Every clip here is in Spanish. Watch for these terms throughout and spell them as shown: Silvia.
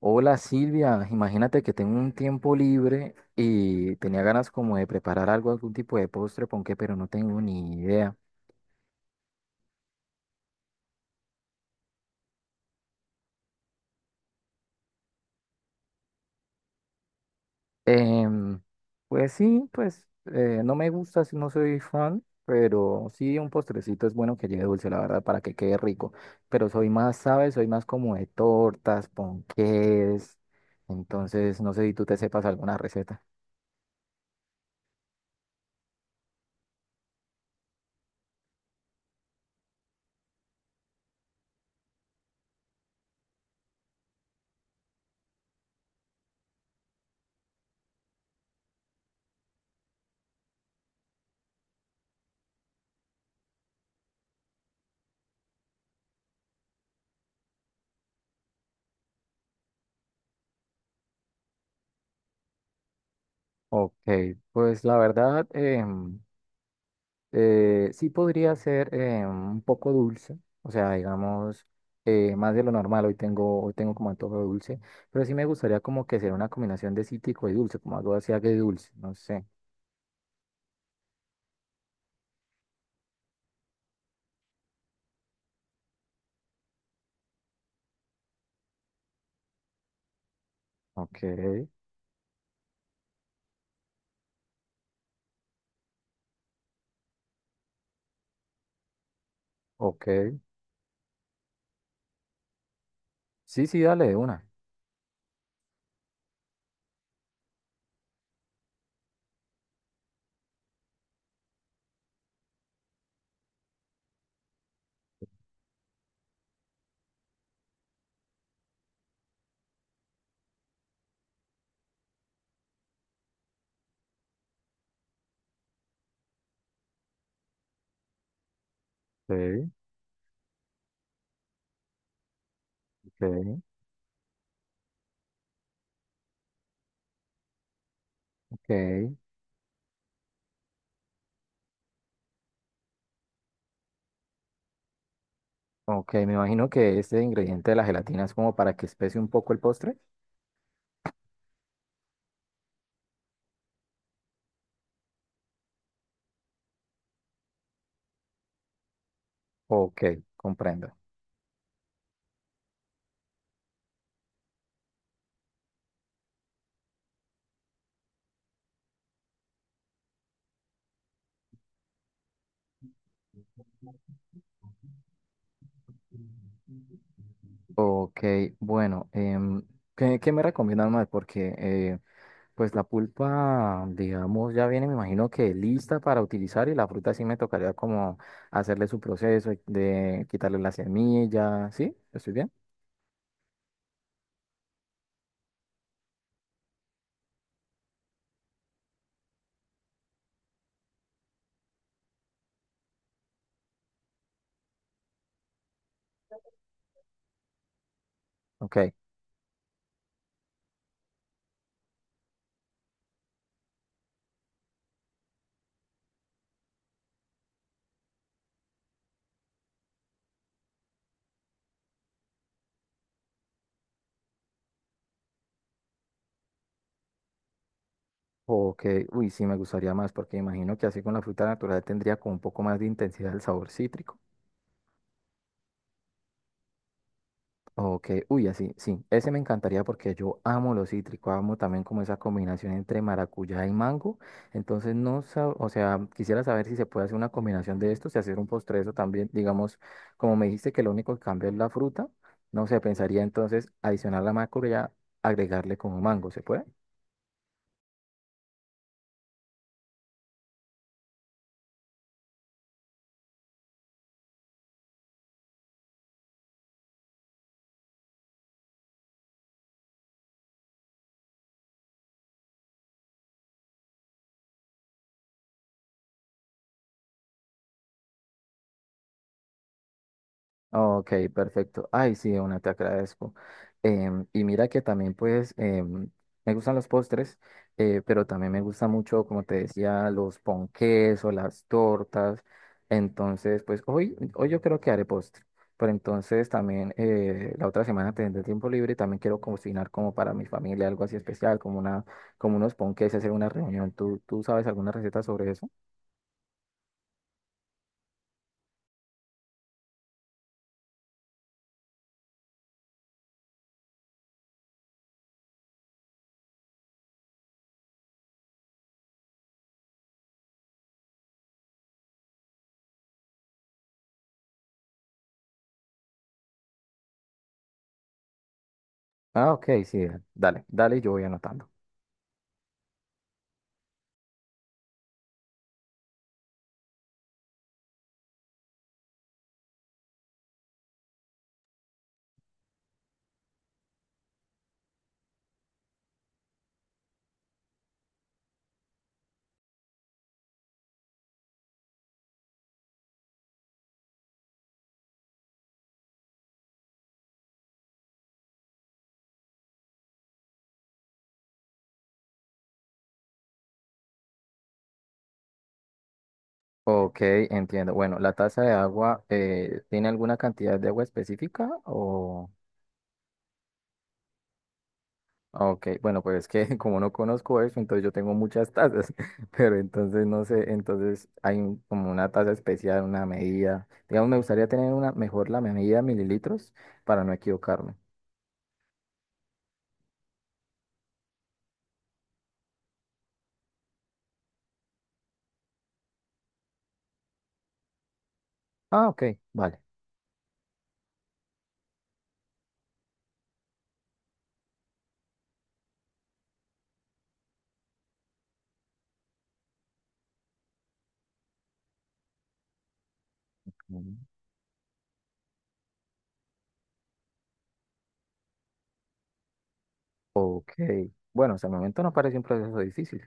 Hola Silvia, imagínate que tengo un tiempo libre y tenía ganas como de preparar algo, algún tipo de postre, ponqué, pero no tengo ni idea. Em, pues sí, pues no me gusta, sí, no soy fan, pero sí un postrecito es bueno que lleve dulce, la verdad, para que quede rico. Pero soy más, ¿sabes? Soy más como de tortas, ponqués. Entonces, no sé si tú te sepas alguna receta. Ok, pues la verdad, sí podría ser un poco dulce, o sea, digamos, más de lo normal, hoy tengo como antojo de dulce, pero sí me gustaría como que sea una combinación de cítrico y dulce, como algo así agridulce, dulce, no sé. Ok, ok. Sí, sí, dale de una. Ok, ok, ok. Ok, me imagino que este ingrediente de la gelatina es como para que especie un poco el postre. Ok, comprendo. Ok, bueno, em, ¿qué me recomiendas más? Porque pues la pulpa, digamos, ya viene, me imagino que lista para utilizar y la fruta sí me tocaría como hacerle su proceso de quitarle la semilla, ¿sí? ¿Estoy bien? Ok. Ok, uy, sí, me gustaría más porque imagino que así con la fruta natural tendría como un poco más de intensidad el sabor cítrico. Ok, uy, así, sí, ese me encantaría porque yo amo lo cítrico, amo también como esa combinación entre maracuyá y mango, entonces no, sab- o sea, quisiera saber si se puede hacer una combinación de estos y hacer un postre de eso también, digamos, como me dijiste que lo único que cambia es la fruta, no sé, pensaría entonces adicionar la maracuyá, agregarle como mango, ¿se puede? Ok, perfecto. Ay, sí, una, te agradezco. Em, y mira que también, pues, me gustan los postres, pero también me gusta mucho, como te decía, los ponqués o las tortas. Entonces, pues, hoy yo creo que haré postre. Pero entonces también la otra semana tendré tiempo libre y también quiero cocinar como para mi familia algo así especial, como unos ponqués, hacer una reunión. ¿Tú sabes alguna receta sobre eso? Ah, ok, sí, dale, dale, yo voy anotando. Ok, entiendo. Bueno, ¿la taza de agua tiene alguna cantidad de agua específica? O... Ok, bueno, pues es que como no conozco eso, entonces yo tengo muchas tazas, pero entonces no sé, entonces hay un- como una taza especial, una medida. Digamos, me gustaría tener una mejor la medida de mililitros para no equivocarme. Ah, ok, vale. Mm. Ok, bueno, hasta el momento no parece un proceso difícil.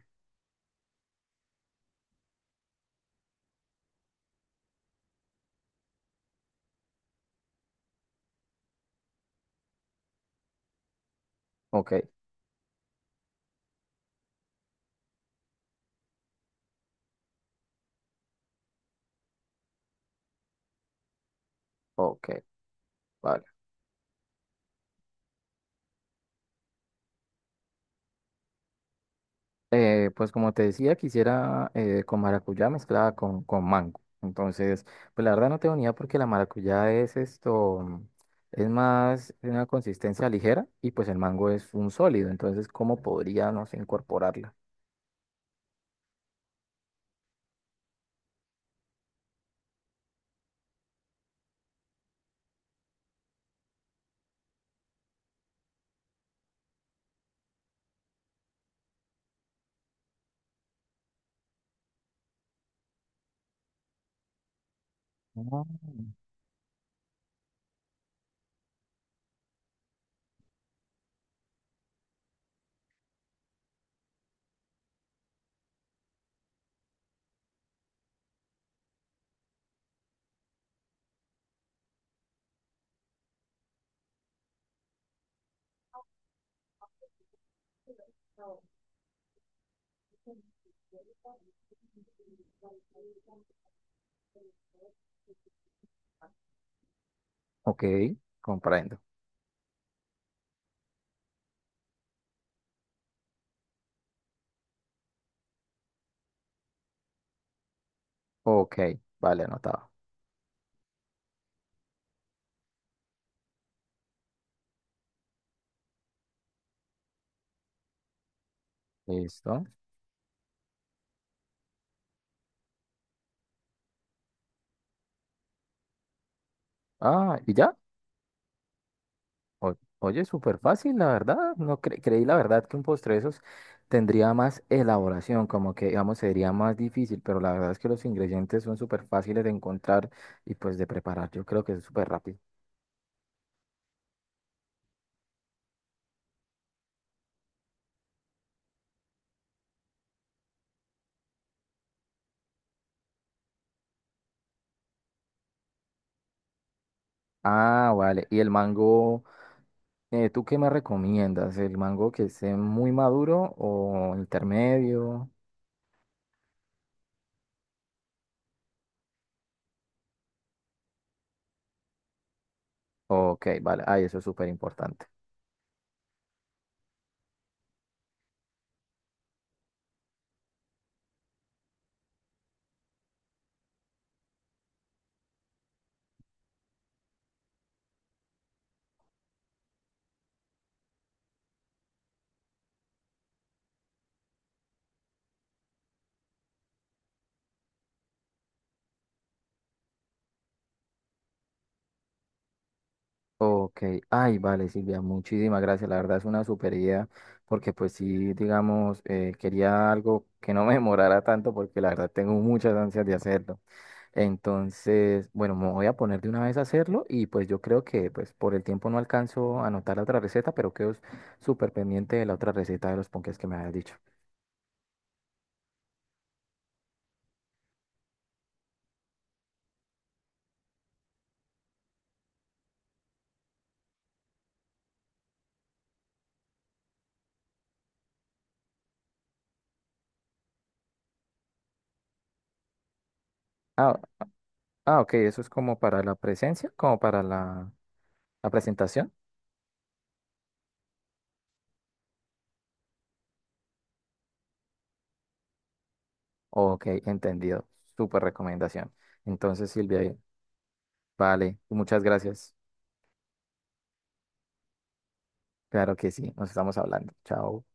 Ok, ok, vale. Pues como te decía, quisiera con maracuyá mezclada con mango. Entonces, pues la verdad no tengo ni idea porque la maracuyá es esto, es más de una consistencia ligera y pues el mango es un sólido. Entonces, ¿cómo podríamos incorporarla? Ah, ok, comprendo. Ok, vale, anotado. Listo. Ah, ¿y ya? O- oye, súper fácil, la verdad. No cre- creí la verdad que un postre de esos tendría más elaboración, como que, digamos, sería más difícil, pero la verdad es que los ingredientes son súper fáciles de encontrar y pues de preparar. Yo creo que es súper rápido. Ah, vale. ¿Y el mango, tú qué me recomiendas? ¿El mango que esté muy maduro o intermedio? Ok, vale. Ay, eso es súper importante. Ok, ay, vale, Silvia, muchísimas gracias. La verdad es una super idea, porque pues sí, digamos, quería algo que no me demorara tanto, porque la verdad tengo muchas ansias de hacerlo. Entonces, bueno, me voy a poner de una vez a hacerlo y pues yo creo que pues por el tiempo no alcanzo a anotar la otra receta, pero quedo súper pendiente de la otra receta de los ponques que me habías dicho. Ah, ah, ok, eso es como para la presencia, como para la, la presentación. Ok, entendido. Súper recomendación. Entonces, Silvia, vale, muchas gracias. Claro que sí, nos estamos hablando. Chao.